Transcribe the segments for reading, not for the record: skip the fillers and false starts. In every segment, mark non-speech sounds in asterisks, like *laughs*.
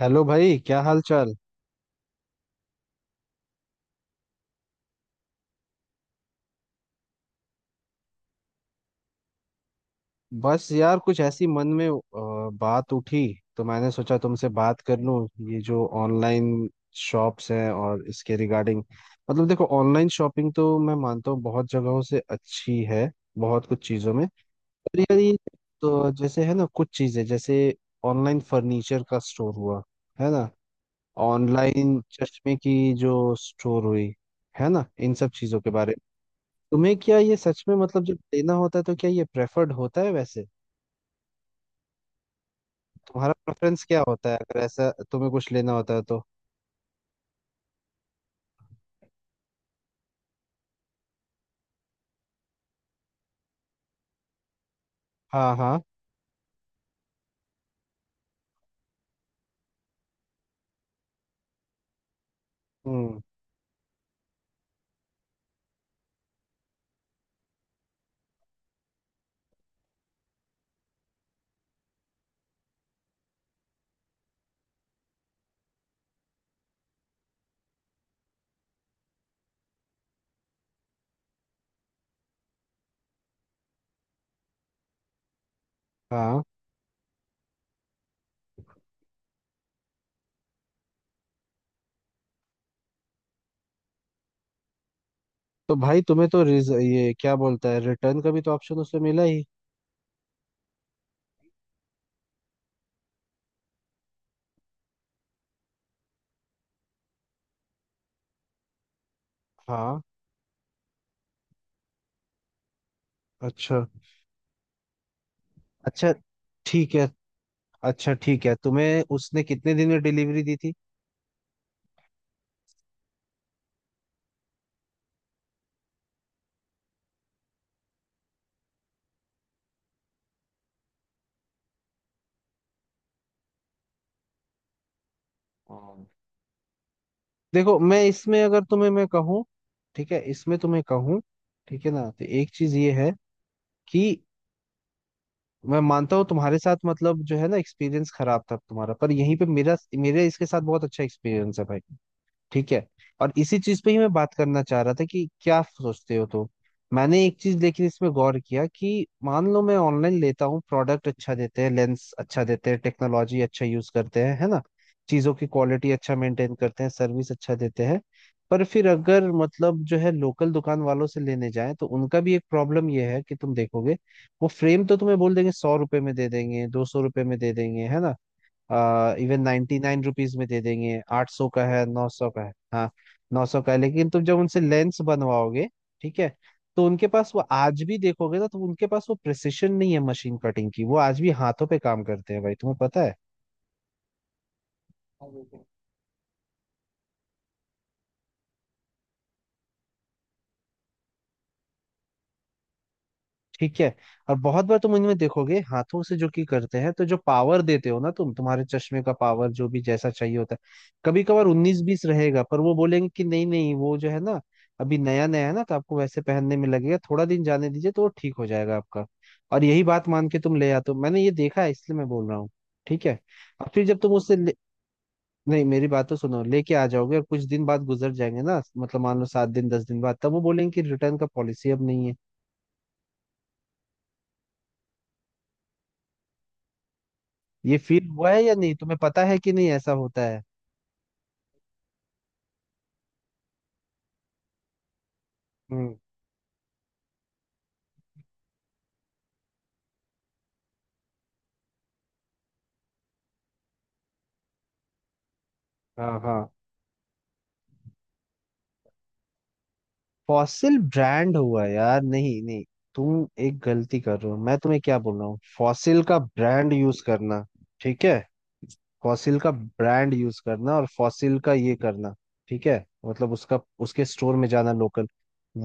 Hello भाई, क्या हाल चाल। बस यार, कुछ ऐसी मन में बात उठी, तो मैंने सोचा तुमसे बात कर लूं। ये जो ऑनलाइन शॉप्स हैं और इसके रिगार्डिंग, मतलब देखो, ऑनलाइन शॉपिंग तो मैं मानता हूँ बहुत जगहों से अच्छी है, बहुत कुछ चीज़ों में। पर यार ये, तो जैसे है ना, कुछ चीज़ें जैसे ऑनलाइन फर्नीचर का स्टोर हुआ, है ना। ऑनलाइन चश्मे की जो स्टोर हुई, है ना, इन सब चीज़ों के बारे में तुम्हें क्या ये सच में मतलब जब लेना होता है तो क्या ये प्रेफर्ड होता है वैसे? तुम्हारा प्रेफरेंस क्या होता है अगर ऐसा तुम्हें कुछ लेना होता है तो? हाँ। हाँ। हम्म। हाँ। तो भाई तुम्हें तो रिज ये क्या बोलता है, रिटर्न का भी तो ऑप्शन उसमें मिला ही। हाँ। अच्छा। अच्छा ठीक है। अच्छा ठीक है, तुम्हें उसने कितने दिन में डिलीवरी दी थी? हाँ। देखो मैं इसमें अगर तुम्हें मैं कहूँ, ठीक है इसमें तुम्हें कहूँ, ठीक है ना, तो एक चीज ये है कि मैं मानता हूँ तुम्हारे साथ, मतलब जो है ना एक्सपीरियंस खराब था तुम्हारा, पर यहीं पे मेरा मेरे इसके साथ बहुत अच्छा एक्सपीरियंस है भाई। ठीक है। और इसी चीज पे ही मैं बात करना चाह रहा था कि क्या सोचते हो तो। मैंने एक चीज लेकिन इसमें गौर किया कि मान लो मैं ऑनलाइन लेता हूँ, प्रोडक्ट अच्छा देते हैं, लेंस अच्छा देते हैं, टेक्नोलॉजी अच्छा यूज करते हैं, है ना। चीजों की क्वालिटी अच्छा मेंटेन करते हैं, सर्विस अच्छा देते हैं। पर फिर अगर मतलब जो है लोकल दुकान वालों से लेने जाएं, तो उनका भी एक प्रॉब्लम यह है कि तुम देखोगे, वो फ्रेम तो तुम्हें बोल देंगे 100 रुपए में दे देंगे, 200 रुपए में दे देंगे, है ना। इवन 99 रुपीज में दे देंगे, 800 का है, 900 का है। हाँ। 900 का है, लेकिन तुम जब उनसे लेंस बनवाओगे, ठीक है, तो उनके पास वो आज भी देखोगे ना, तो उनके पास वो प्रिसिशन नहीं है मशीन कटिंग की। वो आज भी हाथों पे काम करते हैं भाई, तुम्हें पता है। ठीक है। और बहुत बार तुम इनमें देखोगे हाथों से जो की करते हैं, तो जो पावर देते हो ना, तुम्हारे चश्मे का पावर जो भी जैसा चाहिए होता है, कभी कभार उन्नीस बीस रहेगा, पर वो बोलेंगे कि नहीं नहीं, वो जो है ना अभी नया नया है ना, तो आपको वैसे पहनने में लगेगा थोड़ा, दिन जाने दीजिए तो वो ठीक हो जाएगा आपका। और यही बात मान के तुम ले आते हो। मैंने ये देखा है, इसलिए मैं बोल रहा हूँ। ठीक है। और फिर जब तुम नहीं, मेरी बात तो सुनो, लेके आ जाओगे और कुछ दिन बाद गुजर जाएंगे ना, मतलब मान लो 7 दिन 10 दिन बाद, तब वो बोलेंगे कि रिटर्न का पॉलिसी अब नहीं है। ये फील हुआ है या नहीं, तुम्हें पता है कि नहीं ऐसा होता है? हम्म। हाँ। हाँ। फॉसिल ब्रांड हुआ है यार, नहीं नहीं। तुम एक गलती कर रहे हो, मैं तुम्हें क्या बोल रहा हूँ, फॉसिल का ब्रांड यूज करना। ठीक है। फॉसिल का ब्रांड यूज करना और फॉसिल का ये करना, ठीक है, मतलब उसका उसके स्टोर में जाना, लोकल।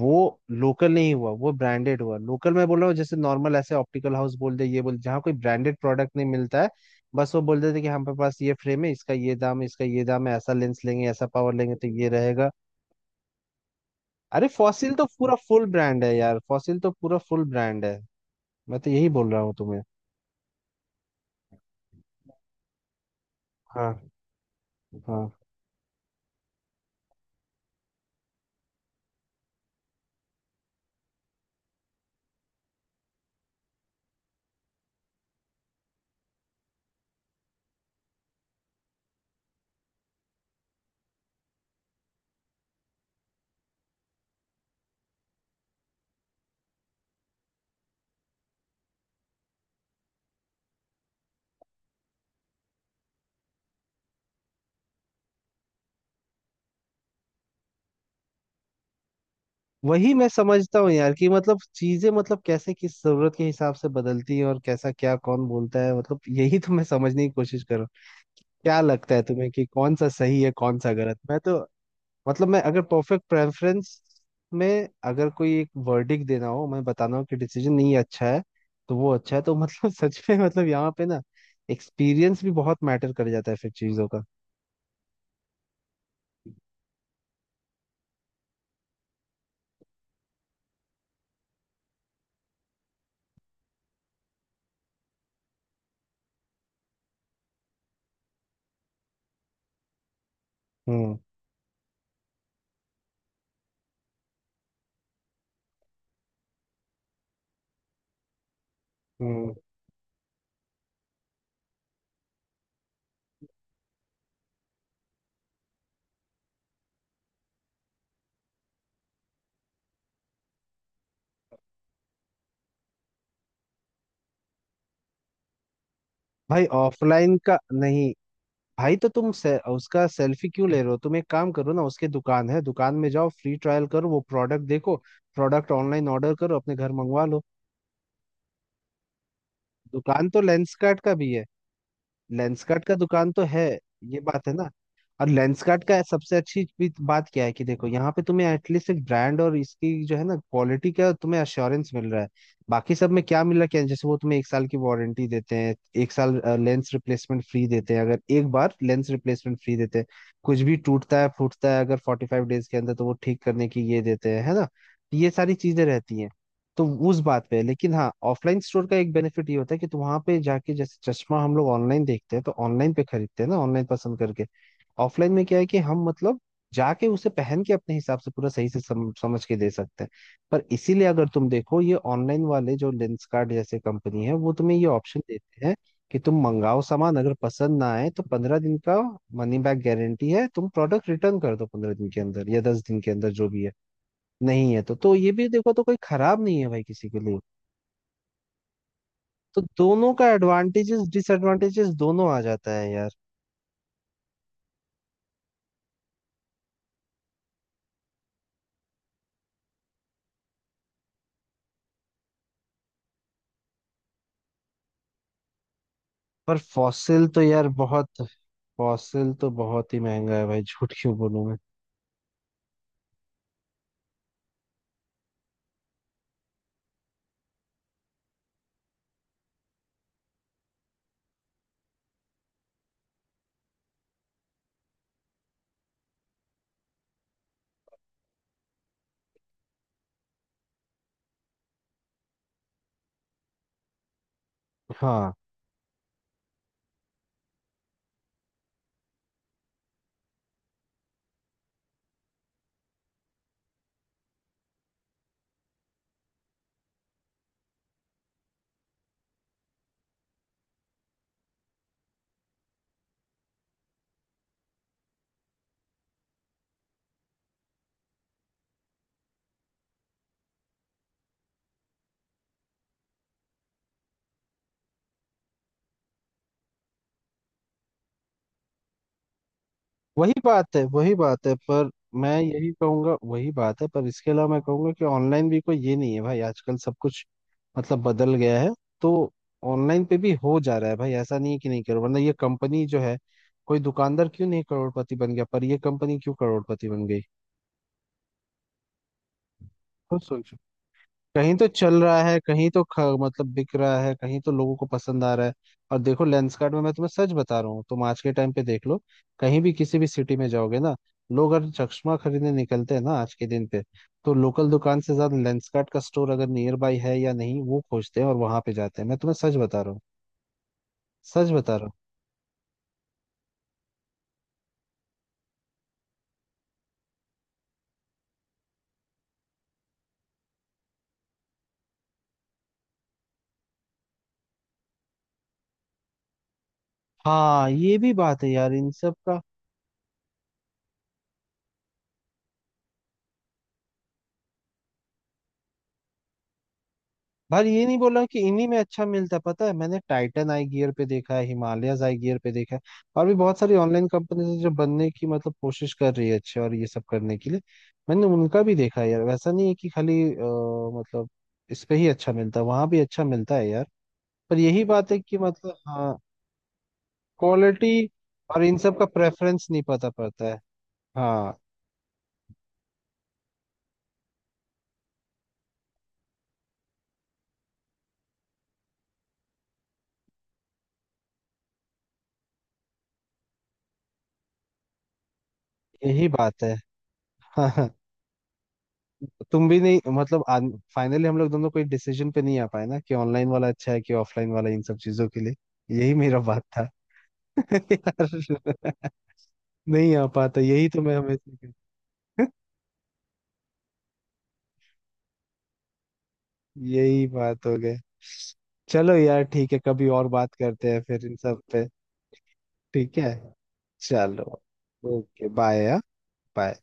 वो लोकल नहीं हुआ, वो ब्रांडेड हुआ। लोकल मैं बोल रहा हूँ जैसे नॉर्मल, ऐसे ऑप्टिकल हाउस बोल दे ये बोल, जहाँ कोई ब्रांडेड प्रोडक्ट नहीं मिलता है। बस वो बोल देते कि हम पे पास ये फ्रेम है, इसका ये दाम है, इसका ये दाम है, ऐसा लेंस लेंगे, ऐसा पावर लेंगे तो ये रहेगा। अरे फॉसिल तो पूरा फुल ब्रांड है यार, फॉसिल तो पूरा फुल ब्रांड है। मैं तो यही बोल रहा हूँ तुम्हें। हाँ। हाँ। वही मैं समझता हूँ यार, कि मतलब चीजें, मतलब कैसे किस जरूरत के हिसाब से बदलती हैं और कैसा क्या कौन बोलता है, मतलब यही तो मैं समझने की कोशिश कर रहा हूँ। क्या लगता है तुम्हें कि कौन सा सही है कौन सा गलत? मैं तो मतलब मैं अगर परफेक्ट प्रेफरेंस में अगर कोई एक वर्डिक देना हो, मैं बताना हो कि डिसीजन नहीं अच्छा है, तो वो अच्छा है, तो मतलब *laughs* सच में, मतलब यहाँ पे ना एक्सपीरियंस भी बहुत मैटर कर जाता है फिर चीजों का। हम्म। हम्म। भाई ऑफलाइन का नहीं। भाई उसका सेल्फी क्यों ले रहे हो? तुम एक काम करो ना, उसके दुकान है, दुकान में जाओ, फ्री ट्रायल करो, वो प्रोडक्ट देखो, प्रोडक्ट ऑनलाइन ऑर्डर करो, अपने घर मंगवा लो। दुकान तो लेंसकार्ट का भी है। लेंसकार्ट का दुकान तो है। ये बात है ना। और लेंसकार्ट का सबसे अच्छी भी बात क्या है, कि देखो यहाँ पे तुम्हें एटलीस्ट एक ब्रांड और इसकी जो है ना क्वालिटी का तुम्हें अश्योरेंस मिल रहा है। बाकी सब में क्या मिल रहा है क्या? जैसे वो तुम्हें एक साल की वारंटी देते हैं, एक साल। लेंस रिप्लेसमेंट फ्री देते हैं, अगर एक बार लेंस रिप्लेसमेंट फ्री देते हैं। कुछ भी टूटता है फूटता है अगर 45 डेज के अंदर, तो वो ठीक करने की ये देते हैं, है ना। ये सारी चीजें रहती हैं तो उस बात पे है। लेकिन हाँ, ऑफलाइन स्टोर का एक बेनिफिट ये होता है कि तुम वहां पे जाके, जैसे चश्मा हम लोग ऑनलाइन देखते हैं तो ऑनलाइन पे खरीदते हैं ना, ऑनलाइन पसंद करके। ऑफलाइन में क्या है कि हम मतलब जाके उसे पहन के अपने हिसाब से पूरा सही से समझ के दे सकते हैं। पर इसीलिए अगर तुम देखो, ये ऑनलाइन वाले जो लेंसकार्ट जैसे कंपनी है, वो तुम्हें ये ऑप्शन देते हैं कि तुम मंगाओ सामान, अगर पसंद ना आए तो 15 दिन का मनी बैक गारंटी है, तुम प्रोडक्ट रिटर्न कर दो 15 दिन के अंदर या 10 दिन के अंदर, जो भी है। नहीं है तो ये भी देखो, तो कोई खराब नहीं है भाई किसी के लिए। तो दोनों का एडवांटेजेस डिसएडवांटेजेस दोनों आ जाता है यार। पर फॉसिल तो यार बहुत, फॉसिल तो बहुत ही महंगा है भाई, झूठ क्यों बोलूं मैं। हाँ। वही बात है, वही बात है पर मैं यही कहूंगा, वही बात है पर इसके अलावा मैं कहूंगा कि ऑनलाइन भी कोई ये नहीं है भाई, आजकल सब कुछ मतलब बदल गया है। तो ऑनलाइन पे भी हो जा रहा है भाई, ऐसा नहीं है कि नहीं करो, वरना ये कंपनी जो है, कोई दुकानदार क्यों नहीं करोड़पति बन गया पर ये कंपनी क्यों करोड़पति बन गई, खुद सोचो। कहीं तो चल रहा है, कहीं तो मतलब बिक रहा है, कहीं तो लोगों को पसंद आ रहा है। और देखो लेंसकार्ट में मैं तुम्हें सच बता रहा हूँ, तुम आज के टाइम पे देख लो, कहीं भी किसी भी सिटी में जाओगे ना, लोग अगर चश्मा खरीदने निकलते हैं ना आज के दिन पे, तो लोकल दुकान से ज्यादा लेंसकार्ट का स्टोर अगर नियर बाई है या नहीं वो खोजते हैं और वहां पे जाते हैं, मैं तुम्हें सच बता रहा हूँ। सच बता रहा हूँ। हाँ, ये भी बात है यार इन सब का। भाई ये नहीं बोल रहा हूँ कि इन्हीं में अच्छा मिलता है, पता है मैंने टाइटन आई गियर पे देखा है, हिमालयज आई गियर पे देखा है, और भी बहुत सारी ऑनलाइन कंपनीज है जो बनने की मतलब कोशिश कर रही है अच्छे और ये सब करने के लिए। मैंने उनका भी देखा है यार, वैसा नहीं है कि खाली मतलब इस पे ही अच्छा मिलता है, वहां भी अच्छा मिलता है यार। पर यही बात है कि मतलब, हाँ, क्वालिटी और इन सब का प्रेफरेंस नहीं पता पड़ता है। हाँ। यही बात है। *laughs* तुम भी नहीं मतलब, फाइनली हम लोग दोनों कोई डिसीजन पे नहीं आ पाए ना कि ऑनलाइन वाला अच्छा है कि ऑफलाइन वाला, इन सब चीजों के लिए। यही मेरा बात था। *laughs* यार नहीं आ पाता, यही तो मैं हमेशा *laughs* यही बात हो गई। चलो यार ठीक है, कभी और बात करते हैं फिर इन सब पे। ठीक है। चलो। Okay bye. बाय।